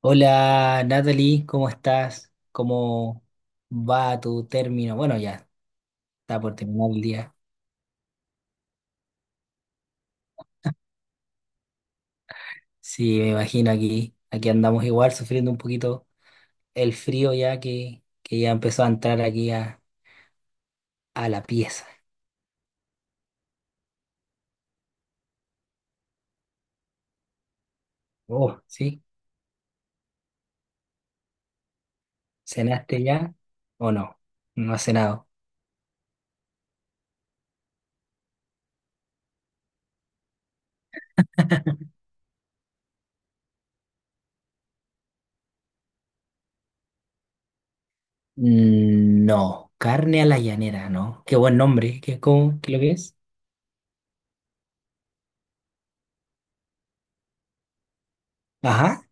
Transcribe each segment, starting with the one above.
Hola Natalie, ¿cómo estás? ¿Cómo va tu término? Bueno, ya está por terminar el día. Sí, me imagino aquí andamos igual sufriendo un poquito el frío ya que ya empezó a entrar aquí a la pieza. Oh, ¿sí? ¿Cenaste ya o no? No has cenado. Mm, no, carne a la llanera, ¿no? Qué buen nombre, ¿qué, cómo, qué lo que es? Ajá,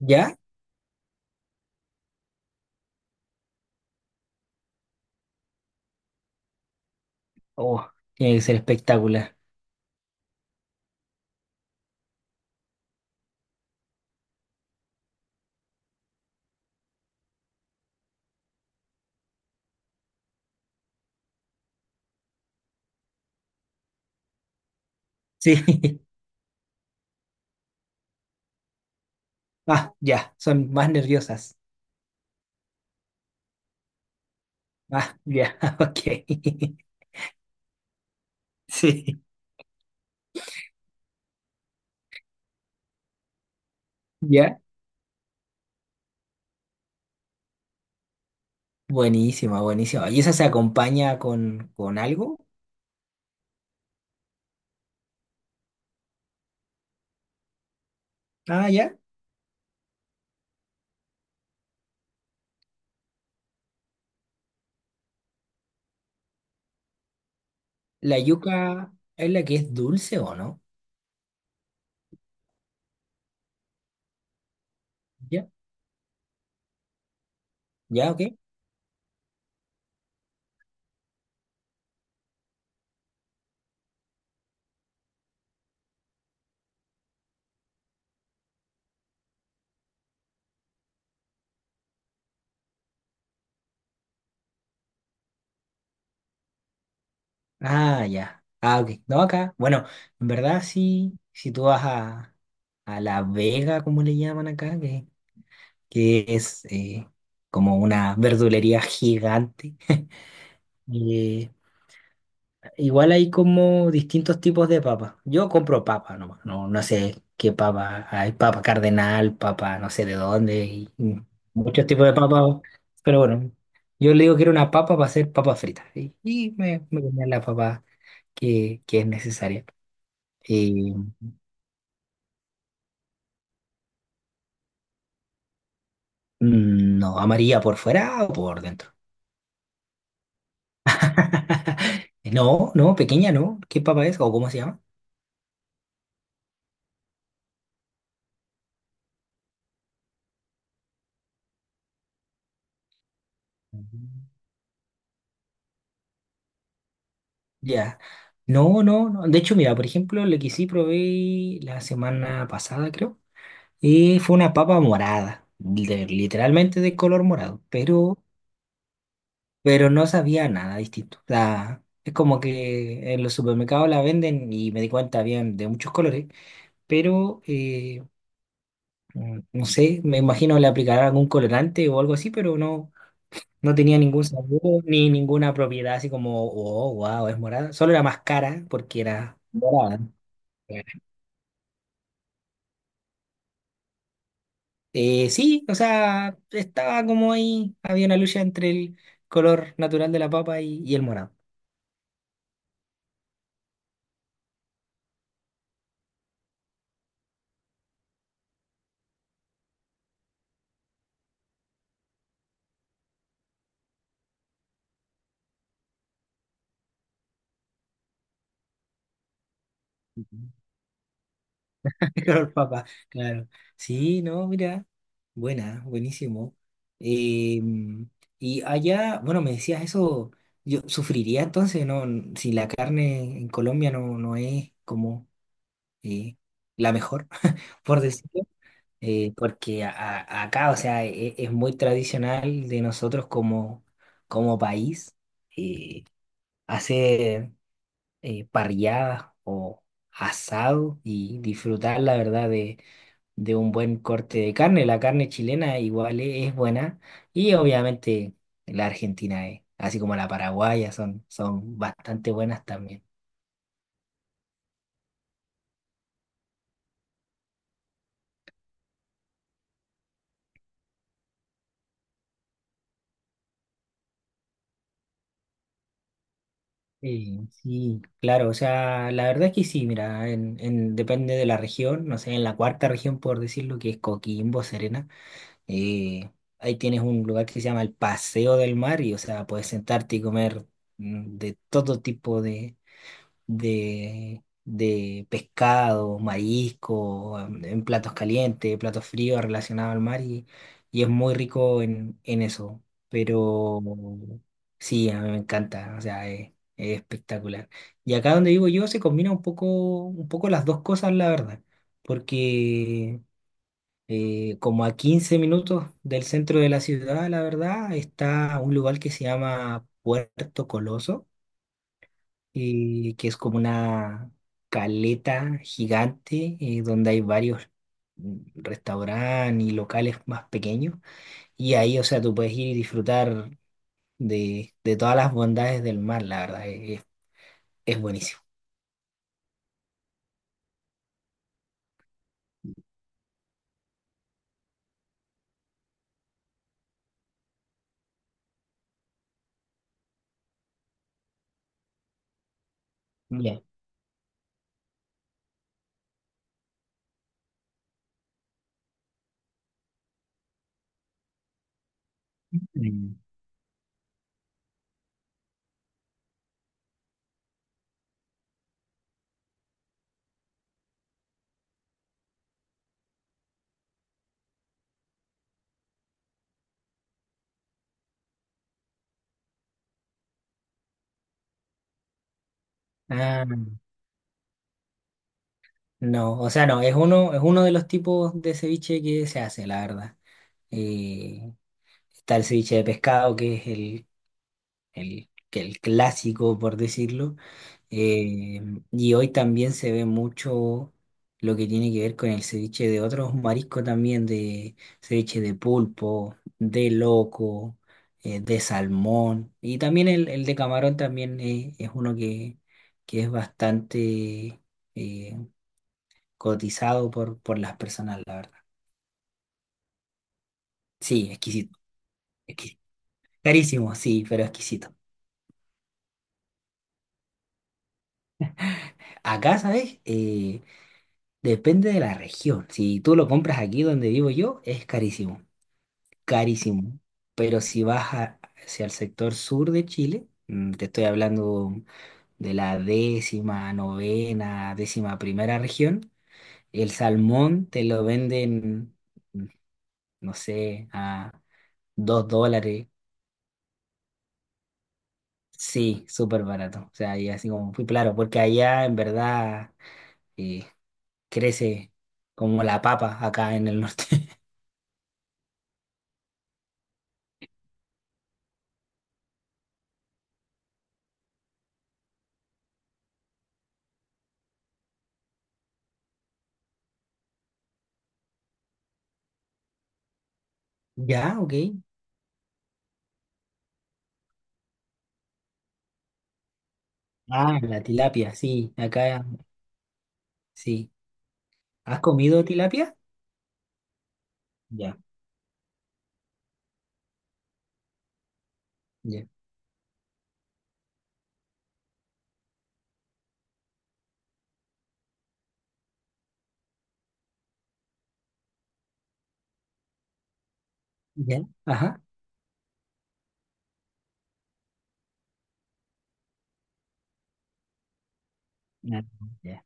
¿ya? Oh, tiene que ser espectacular. Sí. Ah, ya, son más nerviosas. Ah, ya. Ok. Sí, ya. Buenísima, buenísima. ¿Y esa se acompaña con algo? Ah, ya. ¿La yuca es la que es dulce o no? Ya, ya, ok. Ah, ya. Ah, ok. No, acá. Bueno, en verdad sí, si tú vas a La Vega, como le llaman acá, que es como una verdulería gigante. eh, Igual hay como distintos tipos de papas. Yo compro papa nomás. No, no sé qué papa. Hay papa cardenal, papa no sé de dónde y muchos tipos de papas. Pero bueno, yo le digo que era una papa para hacer papas fritas. Y me comía la papa que es necesaria. Y, mm, no, ¿amarilla por fuera o por dentro? No, no, pequeña no. ¿Qué papa es o cómo se llama? Ya. No, no, no. De hecho, mira, por ejemplo, lo que sí probé la semana pasada, creo, fue una papa morada, literalmente de color morado, pero no sabía nada distinto. O sea, es como que en los supermercados la venden y me di cuenta, habían de muchos colores, pero no sé, me imagino le aplicarán algún colorante o algo así, pero no, no tenía ningún sabor ni ninguna propiedad así como, oh, wow, es morada. Solo era más cara porque era morada. Sí, o sea, estaba como ahí, había una lucha entre el color natural de la papa y el morado. Ujú. El color papa, claro. Sí, no, mira, buena, buenísimo. Eh, y allá, bueno, me decías eso, yo sufriría entonces, ¿no? Si la carne en Colombia no es como eh, la mejor, por decirlo. Porque acá, o sea, es muy tradicional de nosotros como país. eh, Hacer parrilladas o asado y disfrutar, la verdad, de un buen corte de carne. La carne chilena igual es buena y obviamente la argentina, así como la paraguaya, son bastante buenas también. Sí, claro, o sea, la verdad es que sí, mira, depende de la región, no sé, en la cuarta región, por decirlo, que es Coquimbo, Serena. Y ahí tienes un lugar que se llama el Paseo del Mar y, o sea, puedes sentarte y comer de todo tipo de pescado, marisco, en platos calientes, platos fríos relacionados al mar y es muy rico en eso. Pero sí, a mí me encanta, o sea, es espectacular. Y acá donde vivo yo se combina un poco las dos cosas, la verdad, porque como a 15 minutos del centro de la ciudad, la verdad, está un lugar que se llama Puerto Coloso, y que es como una caleta gigante donde hay varios restaurantes y locales más pequeños. Y ahí, o sea, tú puedes ir y disfrutar de todas las bondades del mar, la verdad, buenísimo. Ya. Mm. Ah, no, o sea, no, es uno de los tipos de ceviche que se hace, la verdad. Eh, Está el ceviche de pescado, que es que el clásico, por decirlo. Eh, y hoy también se ve mucho lo que tiene que ver con el ceviche de otros mariscos también, de ceviche de pulpo, de loco, de salmón. Y también el de camarón también es uno que es bastante eh, cotizado por las personas, la verdad. Sí, exquisito, exquisito. Carísimo, sí, pero exquisito. Acá, ¿sabes? Depende de la región. Si tú lo compras aquí donde vivo yo, es carísimo, carísimo. Pero si vas hacia el sector sur de Chile, te estoy hablando de la décima, novena, décima primera región, el salmón te lo venden, mm, no sé, a $2. Sí, súper barato. O sea, y así como fui claro, porque allá en verdad eh, crece como la papa acá en el norte. Ya, ok. Ah, la tilapia, sí, acá, sí. ¿Has comido tilapia? Ya, ya, ya, ajá. Ah, ya,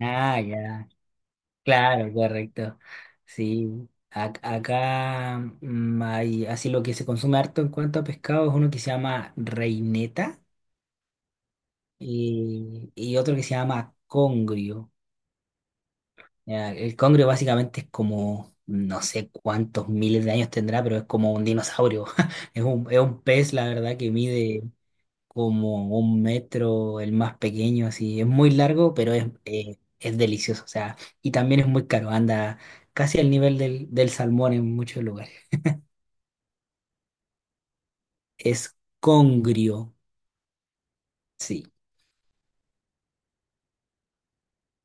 ah, ya, claro, correcto, sí. Acá hay, así lo que se consume harto en cuanto a pescado es uno que se llama reineta y otro que se llama congrio. Ya, el congrio básicamente es como, no sé cuántos miles de años tendrá, pero es como un dinosaurio. Es un pez, la verdad, que mide como un metro, el más pequeño, así. Es muy largo, pero es delicioso, o sea, y también es muy caro, anda casi al nivel del salmón en muchos lugares. Es congrio, sí.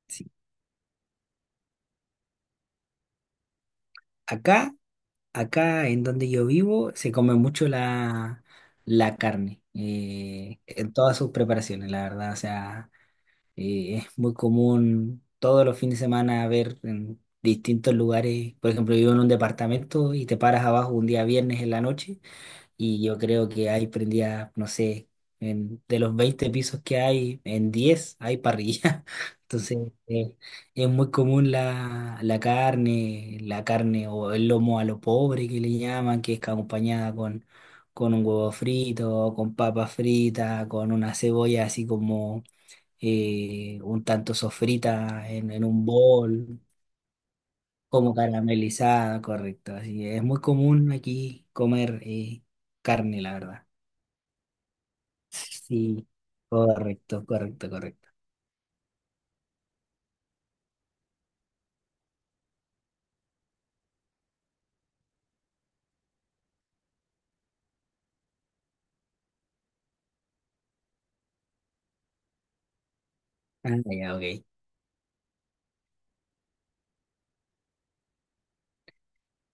Sí. Acá, acá en donde yo vivo, se come mucho la carne, en todas sus preparaciones, la verdad, o sea. Es muy común todos los fines de semana ver en distintos lugares. Por ejemplo, vivo en un departamento y te paras abajo un día viernes en la noche y yo creo que hay prendidas, no sé, de los 20 pisos que hay, en 10 hay parrilla. Entonces, eh, es muy común la carne o el lomo a lo pobre que le llaman, que es acompañada con un huevo frito, con papas fritas, con una cebolla así como un tanto sofrita en un bol, como caramelizada, correcto. Así que es muy común aquí comer carne, la verdad. Sí, correcto, correcto, correcto. Ah, ya, ok.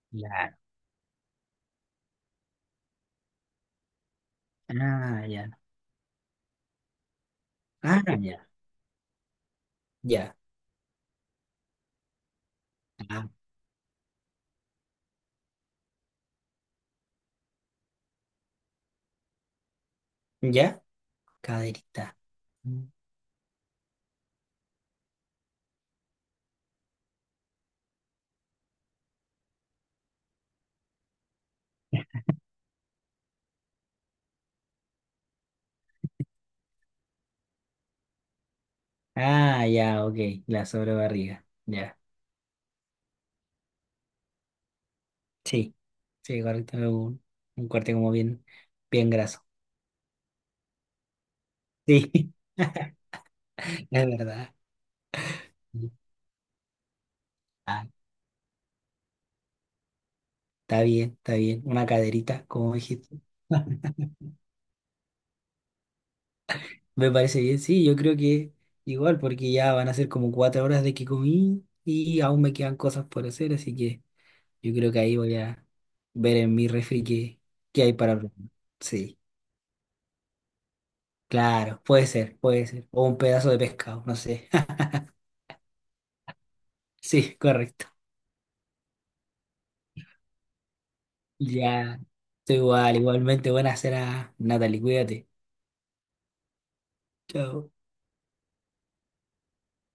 Claro. Ah, ya. Ah, ya. Ya. Ah, ya. Caderita. Mm. Ah, ya, ok. La sobrebarriga. Ya. Sí. Sí, correcto. Un corte como bien, bien graso. Sí, es verdad. Ah. Está bien, está bien. Una caderita, como dijiste. Me parece bien, sí, yo creo que igual, porque ya van a ser como 4 horas de que comí y aún me quedan cosas por hacer, así que yo creo que ahí voy a ver en mi refri qué hay para probar. Sí, claro, puede ser, puede ser. O un pedazo de pescado, no sé. Sí, correcto. Ya, estoy igual. Igualmente, buena cena, Natalie, cuídate. Chao.